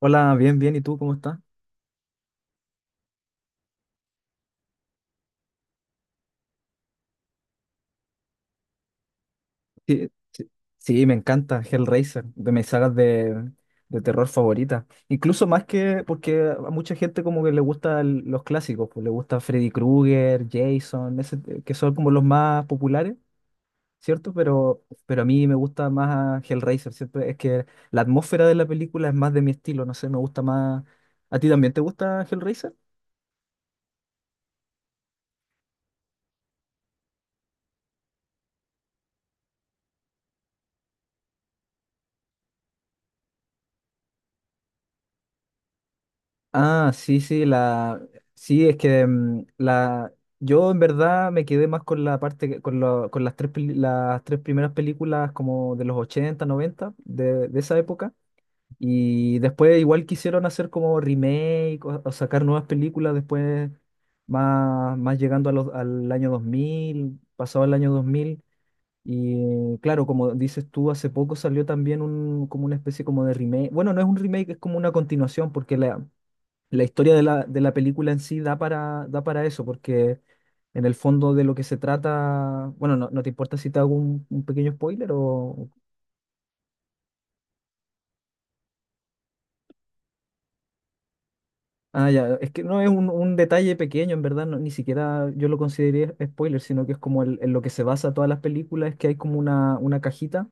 Hola, bien, bien. ¿Y tú cómo estás? Sí, sí, sí, me encanta Hellraiser, de mis sagas de terror favoritas. Incluso más que porque a mucha gente como que le gustan los clásicos, pues le gusta Freddy Krueger, Jason, que son como los más populares, ¿cierto? Pero a mí me gusta más Hellraiser, ¿cierto? Es que la atmósfera de la película es más de mi estilo, no sé, me gusta más. ¿A ti también te gusta Hellraiser? Ah, sí, sí, sí, es que yo en verdad me quedé más con la parte, con las tres primeras películas como de los 80 90 de esa época, y después igual quisieron hacer como remake o sacar nuevas películas después, más llegando a al año 2000 pasado el año 2000. Y claro, como dices tú, hace poco salió también como una especie como de remake, bueno, no es un remake, es como una continuación, porque la historia de la película en sí da para eso, porque en el fondo de lo que se trata, bueno, no te importa si te hago un pequeño spoiler o... Ah, ya, es que no es un detalle pequeño, en verdad, ni siquiera yo lo consideré spoiler, sino que es como en lo que se basa todas las películas, es que hay como una cajita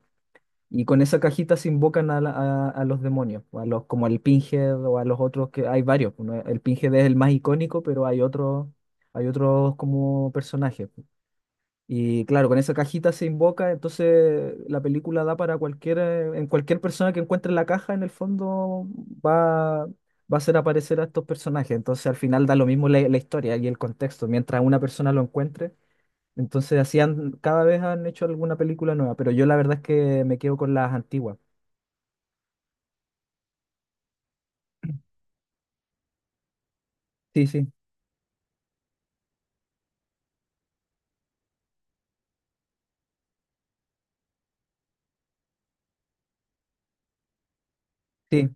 y con esa cajita se invocan a los demonios, o a los, como al Pinhead o a los otros, que hay varios, ¿no? El Pinhead es el más icónico, pero hay otros como personajes. Y claro, con esa cajita se invoca, entonces la película da para en cualquier persona que encuentre la caja, en el fondo va a hacer aparecer a estos personajes. Entonces al final da lo mismo la historia y el contexto, mientras una persona lo encuentre. Entonces cada vez han hecho alguna película nueva, pero yo la verdad es que me quedo con las antiguas. Sí, sí, sí.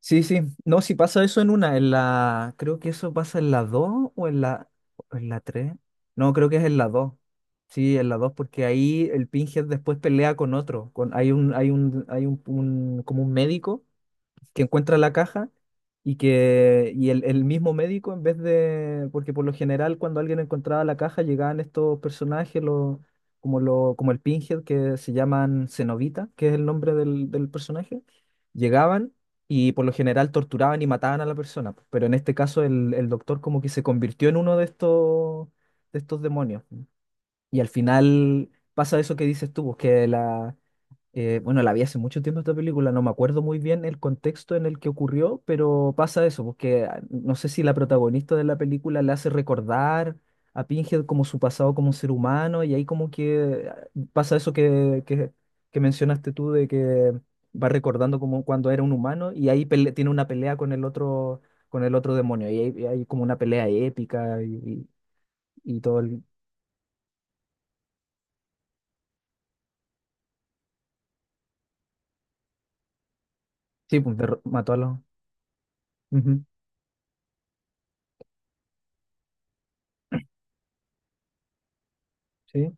Sí, sí. No, si pasa eso en una, en la. Creo que eso pasa en la 2 o en la. O en la tres. No, creo que es en la dos. Sí, en la 2 porque ahí el Pinhead después pelea con otro. Hay un como un médico que encuentra la caja y que y el mismo médico, en vez de, porque por lo general cuando alguien encontraba la caja llegaban estos personajes, lo como el Pinhead, que se llaman Cenobita, que es el nombre del personaje, llegaban y por lo general torturaban y mataban a la persona, pues, pero en este caso el doctor como que se convirtió en uno de estos demonios, y al final pasa eso que dices tú, pues, que la bueno, la vi hace mucho tiempo esta película, no me acuerdo muy bien el contexto en el que ocurrió, pero pasa eso, porque no sé, si la protagonista de la película le hace recordar a Pinhead como su pasado como ser humano, y ahí como que pasa eso que mencionaste tú, de que va recordando como cuando era un humano, y ahí tiene una pelea con el otro, demonio, y y hay como una pelea épica y todo el... Sí, pues mató a los... Ujú, sí.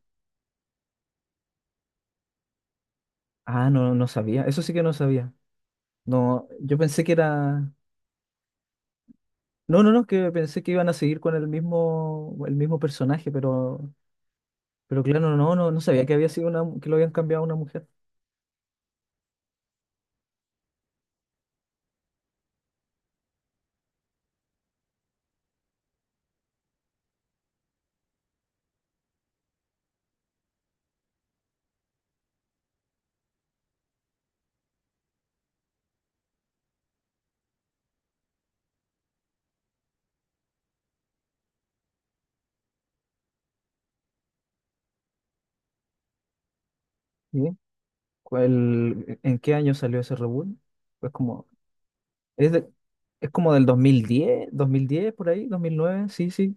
Ah, no, no sabía, eso sí que no sabía. No, yo pensé que era. No, no, no, que pensé que iban a seguir con el mismo personaje, pero, claro, no, no, no sabía que había sido una, que lo habían cambiado a una mujer. ¿Y en qué año salió ese reboot? Pues como, es de- es como del 2010, por ahí, 2009, sí, sí,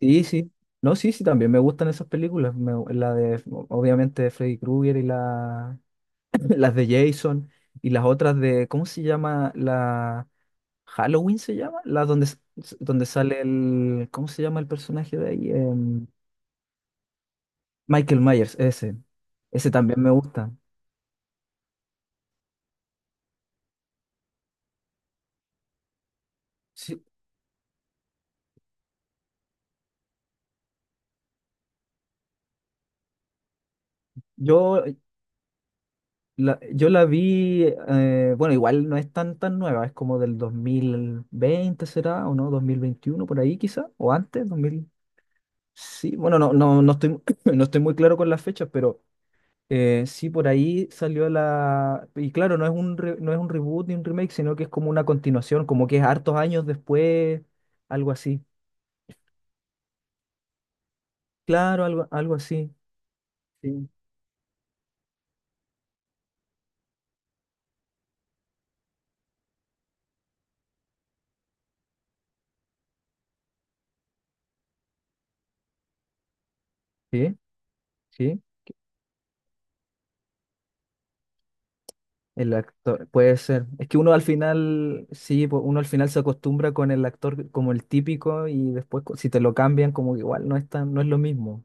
sí, sí. No, sí, sí, también me gustan esas películas, la obviamente, de Freddy Krueger y la, las de Jason y las otras de, ¿cómo se llama? Halloween se llama, donde sale el, ¿cómo se llama el personaje de ahí? Michael Myers, ese. Ese también me gusta. Sí, yo yo la vi, bueno, igual no es tan tan nueva, es como del 2020 será, o no, 2021 por ahí quizá, o antes, 2000. Sí, bueno, no estoy, no estoy muy claro con las fechas, pero... sí, por ahí salió la... Y claro, no es un reboot ni un remake, sino que es como una continuación, como que es hartos años después, algo así. Claro, algo así. Sí, sí, sí. El actor, puede ser. Es que sí, uno al final se acostumbra con el actor como el típico, y después si te lo cambian, como que igual no es lo mismo.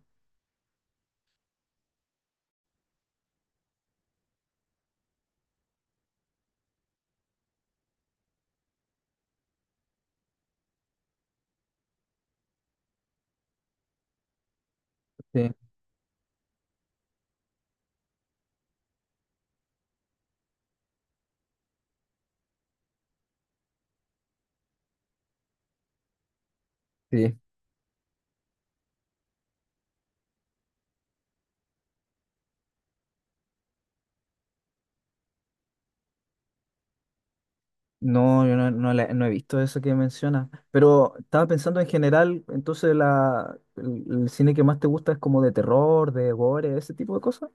Sí, sí. No, yo no he visto eso que mencionas, pero estaba pensando en general, entonces el cine que más te gusta es como de terror, de gore, ese tipo de cosas.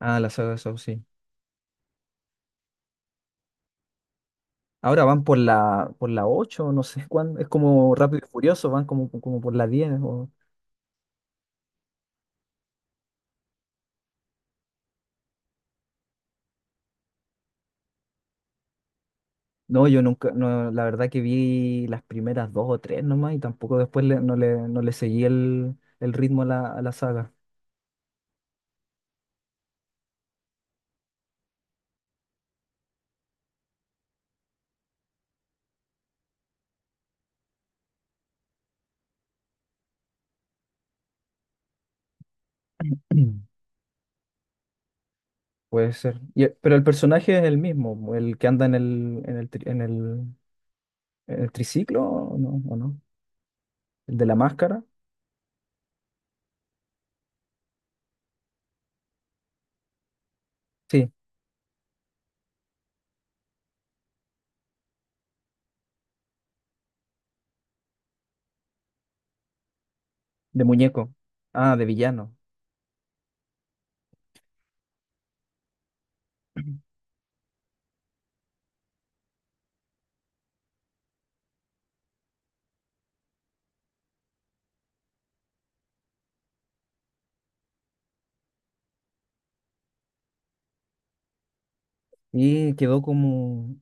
Ah, la saga de Saw, sí. Ahora van por por la 8, no sé cuándo, es como Rápido y Furioso, van como por la 10 No, yo nunca, no, la verdad que vi las primeras dos o tres nomás y tampoco después no le seguí el ritmo a a la saga. Puede ser. Y pero el personaje es el mismo, el que anda en el triciclo, ¿o no? ¿O no? ¿El de la máscara? Sí, de muñeco. Ah, de villano. Y quedó como...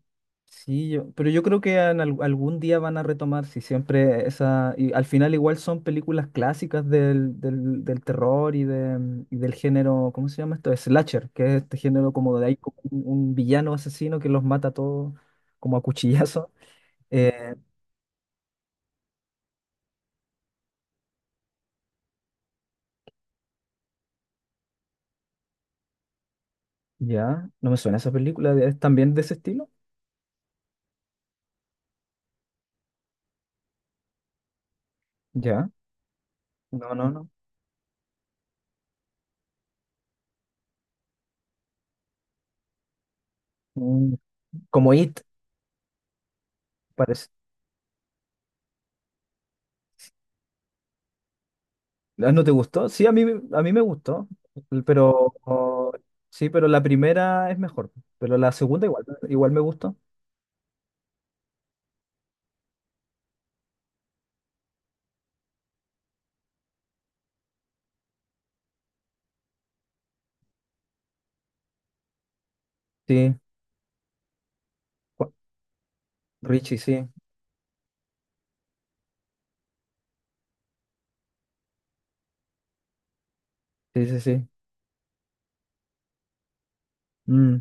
Sí, yo... pero yo creo que algún día van a retomar, si siempre esa... Y al final igual son películas clásicas del terror y del género, ¿cómo se llama esto? Slasher, que es este género como de ahí, como un villano asesino que los mata a todos como a cuchillazo. Eh, Ya, no me suena esa película, ¿es también de ese estilo? Ya, no, no, no. Mm, Como It, parece. Ah, ¿no te gustó? Sí, a mí me gustó, pero sí, pero la primera es mejor, pero la segunda igual me gustó. Sí, Ju- Richie, sí, sí, sí, sí. Mm,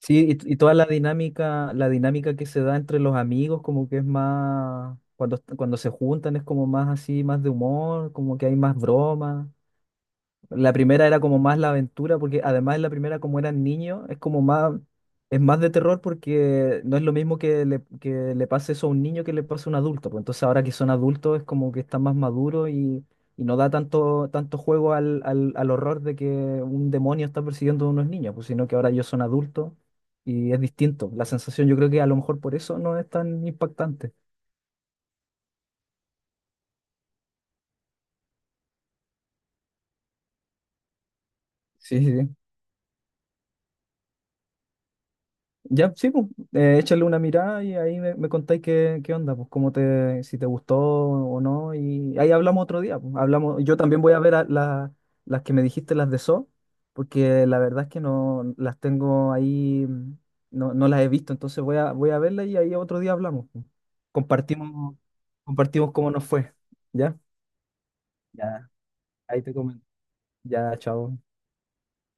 Sí, y toda la dinámica que se da entre los amigos, como que es más, cuando se juntan es como más así, más de humor, como que hay más bromas. La primera era como más la aventura, porque además en la primera, como eran niños, es más de terror, porque no es lo mismo que le pase eso a un niño que le pase a un adulto. Pues entonces ahora que son adultos es como que están más maduros, y no da tanto, tanto juego al horror de que un demonio está persiguiendo a unos niños, pues sino que ahora ellos son adultos y es distinto. La sensación, yo creo que a lo mejor por eso no es tan impactante. Sí, sí, sí. Ya, sí, pues, échale una mirada y ahí me contáis qué onda, pues si te gustó o no, y ahí hablamos otro día, pues, hablamos, yo también voy a ver a las que me dijiste, las de So, porque la verdad es que no las tengo ahí, no las he visto, entonces voy a verlas y ahí otro día hablamos, pues. Compartimos, compartimos cómo nos fue, ¿ya? Ya, ahí te comento. Ya, chao.